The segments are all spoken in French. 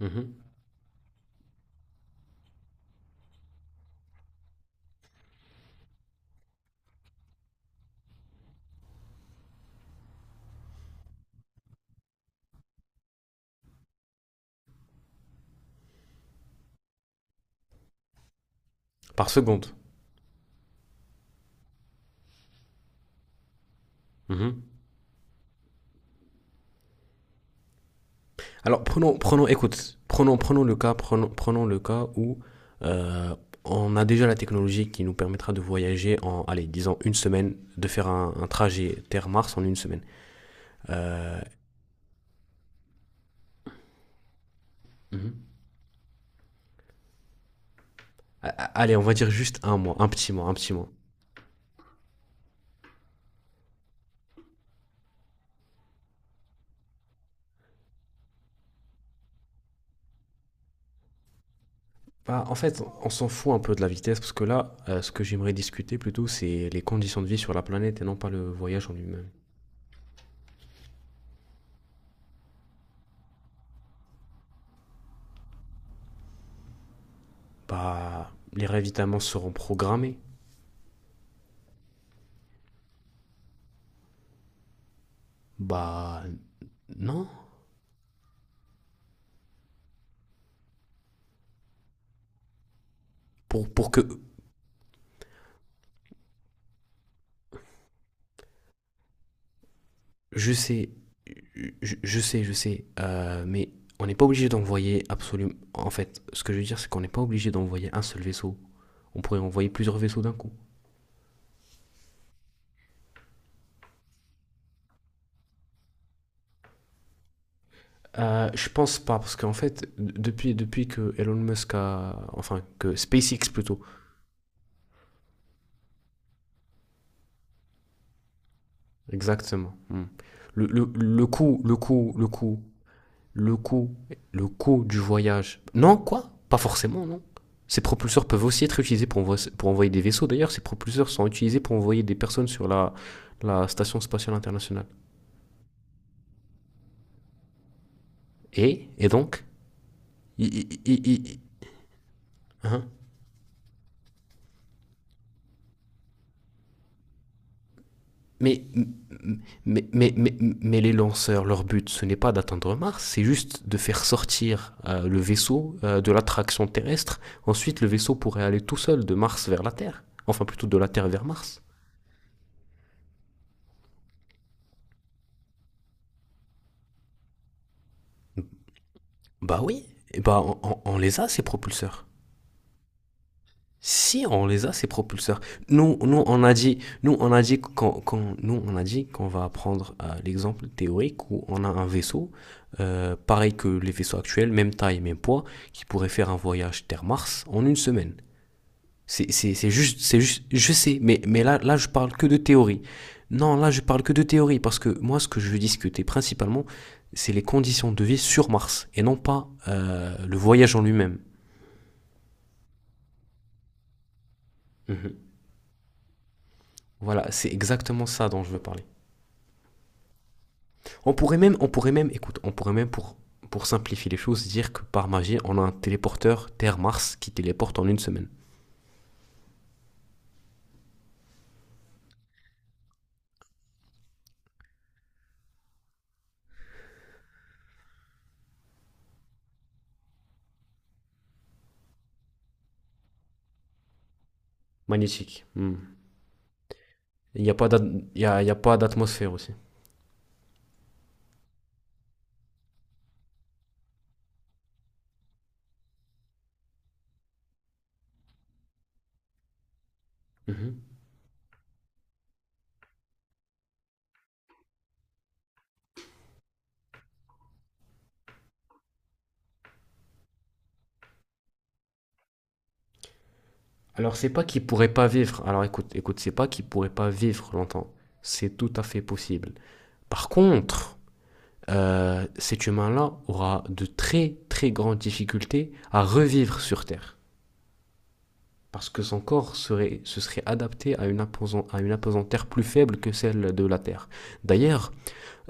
Mhm. Par seconde. Mhm. Alors, écoute, prenons le cas où euh, on a déjà la technologie qui nous permettra de voyager en, allez, disons une semaine, de faire un trajet Terre-Mars en une semaine. Mhm. Allez, on va dire juste un mois, un petit mois, un petit mois. Bah, en fait, on s'en fout un peu de la vitesse parce que là, ce que j'aimerais discuter plutôt, c'est les conditions de vie sur la planète et non pas le voyage en lui-même. Bah, les ravitaillements seront programmés. Bah, non. Pour que, je sais, je sais, mais on n'est pas obligé d'envoyer absolument. En fait, ce que je veux dire, c'est qu'on n'est pas obligé d'envoyer un seul vaisseau. On pourrait envoyer plusieurs vaisseaux d'un coup. Je pense pas, parce qu'en fait, depuis que Elon Musk a. Enfin, que SpaceX plutôt, exactement. Hmm. Le coût, le coût, du voyage. Non, quoi. Pas forcément, non. Ces propulseurs peuvent aussi être utilisés pour envoyer des vaisseaux. D'ailleurs, ces propulseurs sont utilisés pour envoyer des personnes sur la station spatiale internationale. Et donc, I- i- i- i- hein, mais, mais les lanceurs, leur but, ce n'est pas d'atteindre Mars, c'est juste de faire sortir le vaisseau de l'attraction terrestre. Ensuite, le vaisseau pourrait aller tout seul de Mars vers la Terre. Enfin, plutôt de la Terre vers Mars. Bah oui, et bah on les a ces propulseurs. Si on les a ces propulseurs. Nous, nous on a dit, qu'on va prendre l'exemple théorique où on a un vaisseau pareil que les vaisseaux actuels, même taille, même poids, qui pourrait faire un voyage Terre-Mars en une semaine. C'est juste, je sais, mais là je parle que de théorie. Non, là je parle que de théorie parce que moi ce que je veux discuter principalement, c'est les conditions de vie sur Mars et non pas le voyage en lui-même. Mhm. Voilà, c'est exactement ça dont je veux parler. On pourrait même, écoute, on pourrait même, pour simplifier les choses, dire que par magie, on a un téléporteur Terre-Mars qui téléporte en une semaine. Magnétique. Hmm. Il n'y a pas d'at- il y a pas d'atmosphère aussi. Mhm. Alors c'est pas qu'il pourrait pas vivre. Alors écoute, c'est pas qu'il pourrait pas vivre longtemps. C'est tout à fait possible. Par contre, cet humain-là aura de très très grandes difficultés à revivre sur Terre. Parce que son corps serait, se serait adapté à une apesanteur plus faible que celle de la Terre. D'ailleurs,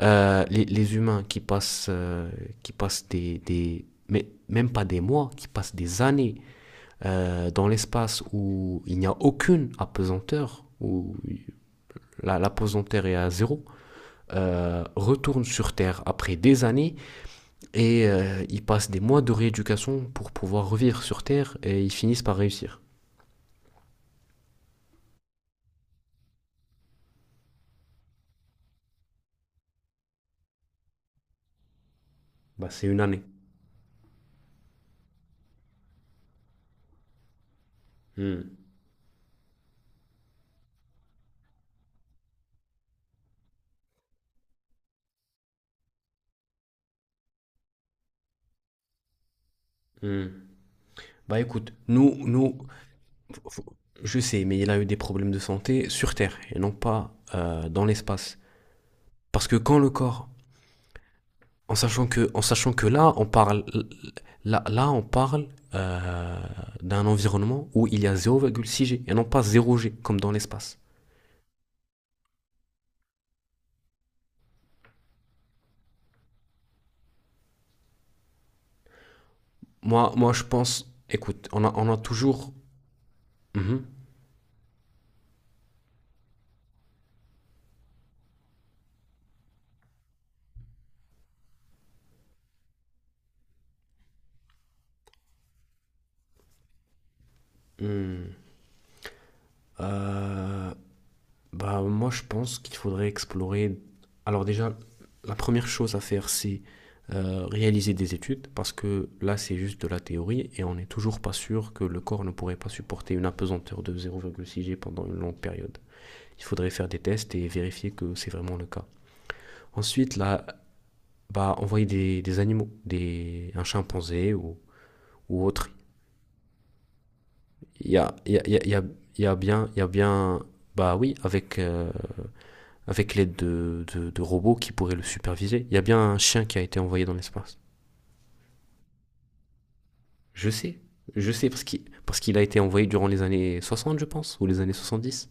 les humains qui passent mais même pas des mois, qui passent des années dans l'espace où il n'y a aucune apesanteur, où l'apesanteur est à zéro, retournent sur Terre après des années et ils passent des mois de rééducation pour pouvoir revivre sur Terre et ils finissent par réussir. Bah, c'est une année. Hmm, hmm. Bah écoute, nous, nous, je sais, mais il a eu des problèmes de santé sur Terre et non pas dans l'espace. Parce que quand le corps, en sachant que là, on parle, là, on parle euh, d'un environnement où il y a 0,6 G et non pas 0 G comme dans l'espace. Moi, je pense, écoute, on a toujours. Mhm. Hmm. Euh, Bah, moi, je pense qu'il faudrait explorer. Alors, déjà, la première chose à faire, c'est réaliser des études, parce que là, c'est juste de la théorie et on n'est toujours pas sûr que le corps ne pourrait pas supporter une apesanteur de 0,6 G pendant une longue période. Il faudrait faire des tests et vérifier que c'est vraiment le cas. Ensuite, là, bah, envoyer des animaux, un chimpanzé ou autre. Il y a, il y a- il y a- il y a- Il y a bien, bah oui, avec avec l'aide de robots qui pourraient le superviser. Il y a bien un chien qui a été envoyé dans l'espace. Je sais, je sais, parce qu'il a été envoyé durant les années 60, je pense, ou les années 70.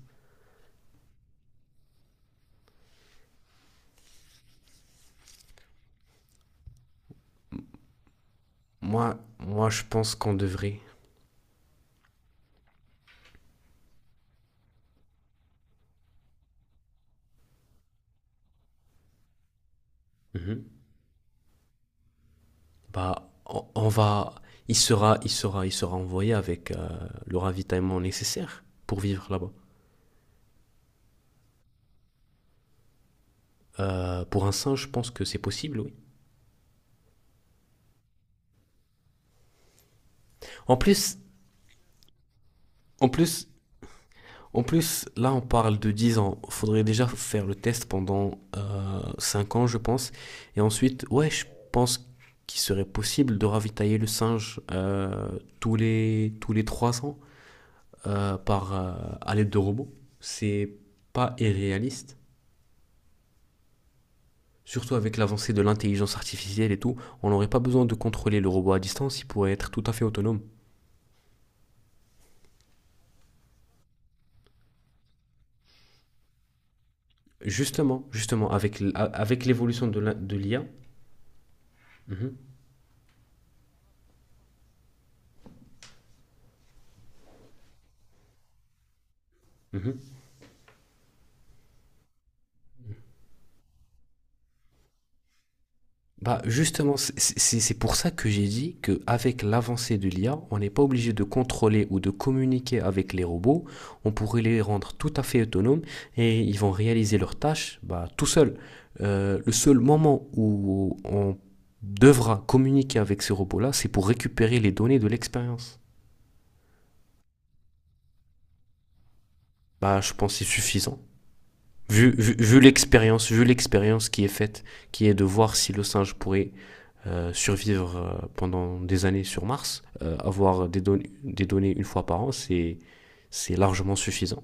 Moi, moi je pense qu'on devrait. Mhm. Bah, on va. Il sera envoyé avec le ravitaillement nécessaire pour vivre là-bas. Pour un singe, je pense que c'est possible, oui. En plus, en plus, En plus, là, on parle de 10 ans. Il faudrait déjà faire le test pendant 5 ans, je pense. Et ensuite, ouais, je pense qu'il serait possible de ravitailler le singe tous les 3 ans euh, par, euh, à l'aide de robots. C'est pas irréaliste. Surtout avec l'avancée de l'intelligence artificielle et tout, on n'aurait pas besoin de contrôler le robot à distance, il pourrait être tout à fait autonome. Justement, avec l'évolution de de l'IA. Mhm, mhm. Bah justement, c'est pour ça que j'ai dit qu'avec l'avancée de l'IA, on n'est pas obligé de contrôler ou de communiquer avec les robots. On pourrait les rendre tout à fait autonomes et ils vont réaliser leurs tâches bah, tout seuls. Le seul moment où on devra communiquer avec ces robots-là, c'est pour récupérer les données de l'expérience. Bah, je pense que c'est suffisant. Vu l'expérience qui est faite, qui est de voir si le singe pourrait survivre pendant des années sur Mars, avoir des données une fois par an, c'est largement suffisant.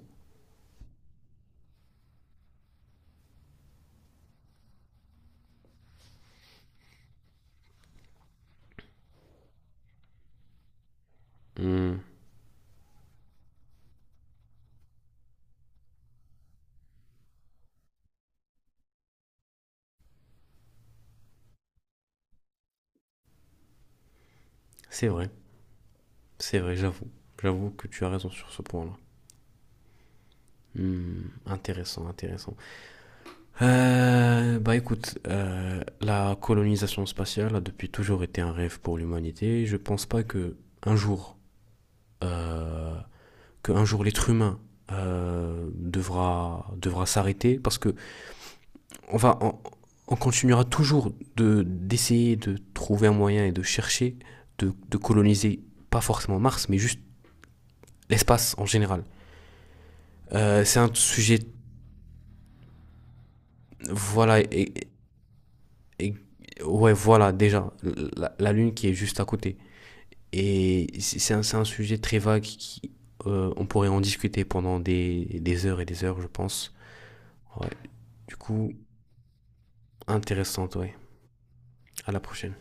Hmm, c'est vrai, c'est vrai, j'avoue. J'avoue que tu as raison sur ce point-là. Hmm, intéressant, intéressant. Bah écoute, la colonisation spatiale a depuis toujours été un rêve pour l'humanité. Je pense pas que un jour, euh, l'être humain devra s'arrêter parce que on va, on, on continuera toujours de d'essayer de trouver un moyen et de chercher de coloniser pas forcément Mars, mais juste l'espace en général. C'est un sujet, voilà, et- ouais, voilà déjà la Lune qui est juste à côté. Et c'est un sujet très vague qui, on pourrait en discuter pendant des heures et des heures, je pense. Ouais. Du coup, intéressante, ouais. À la prochaine.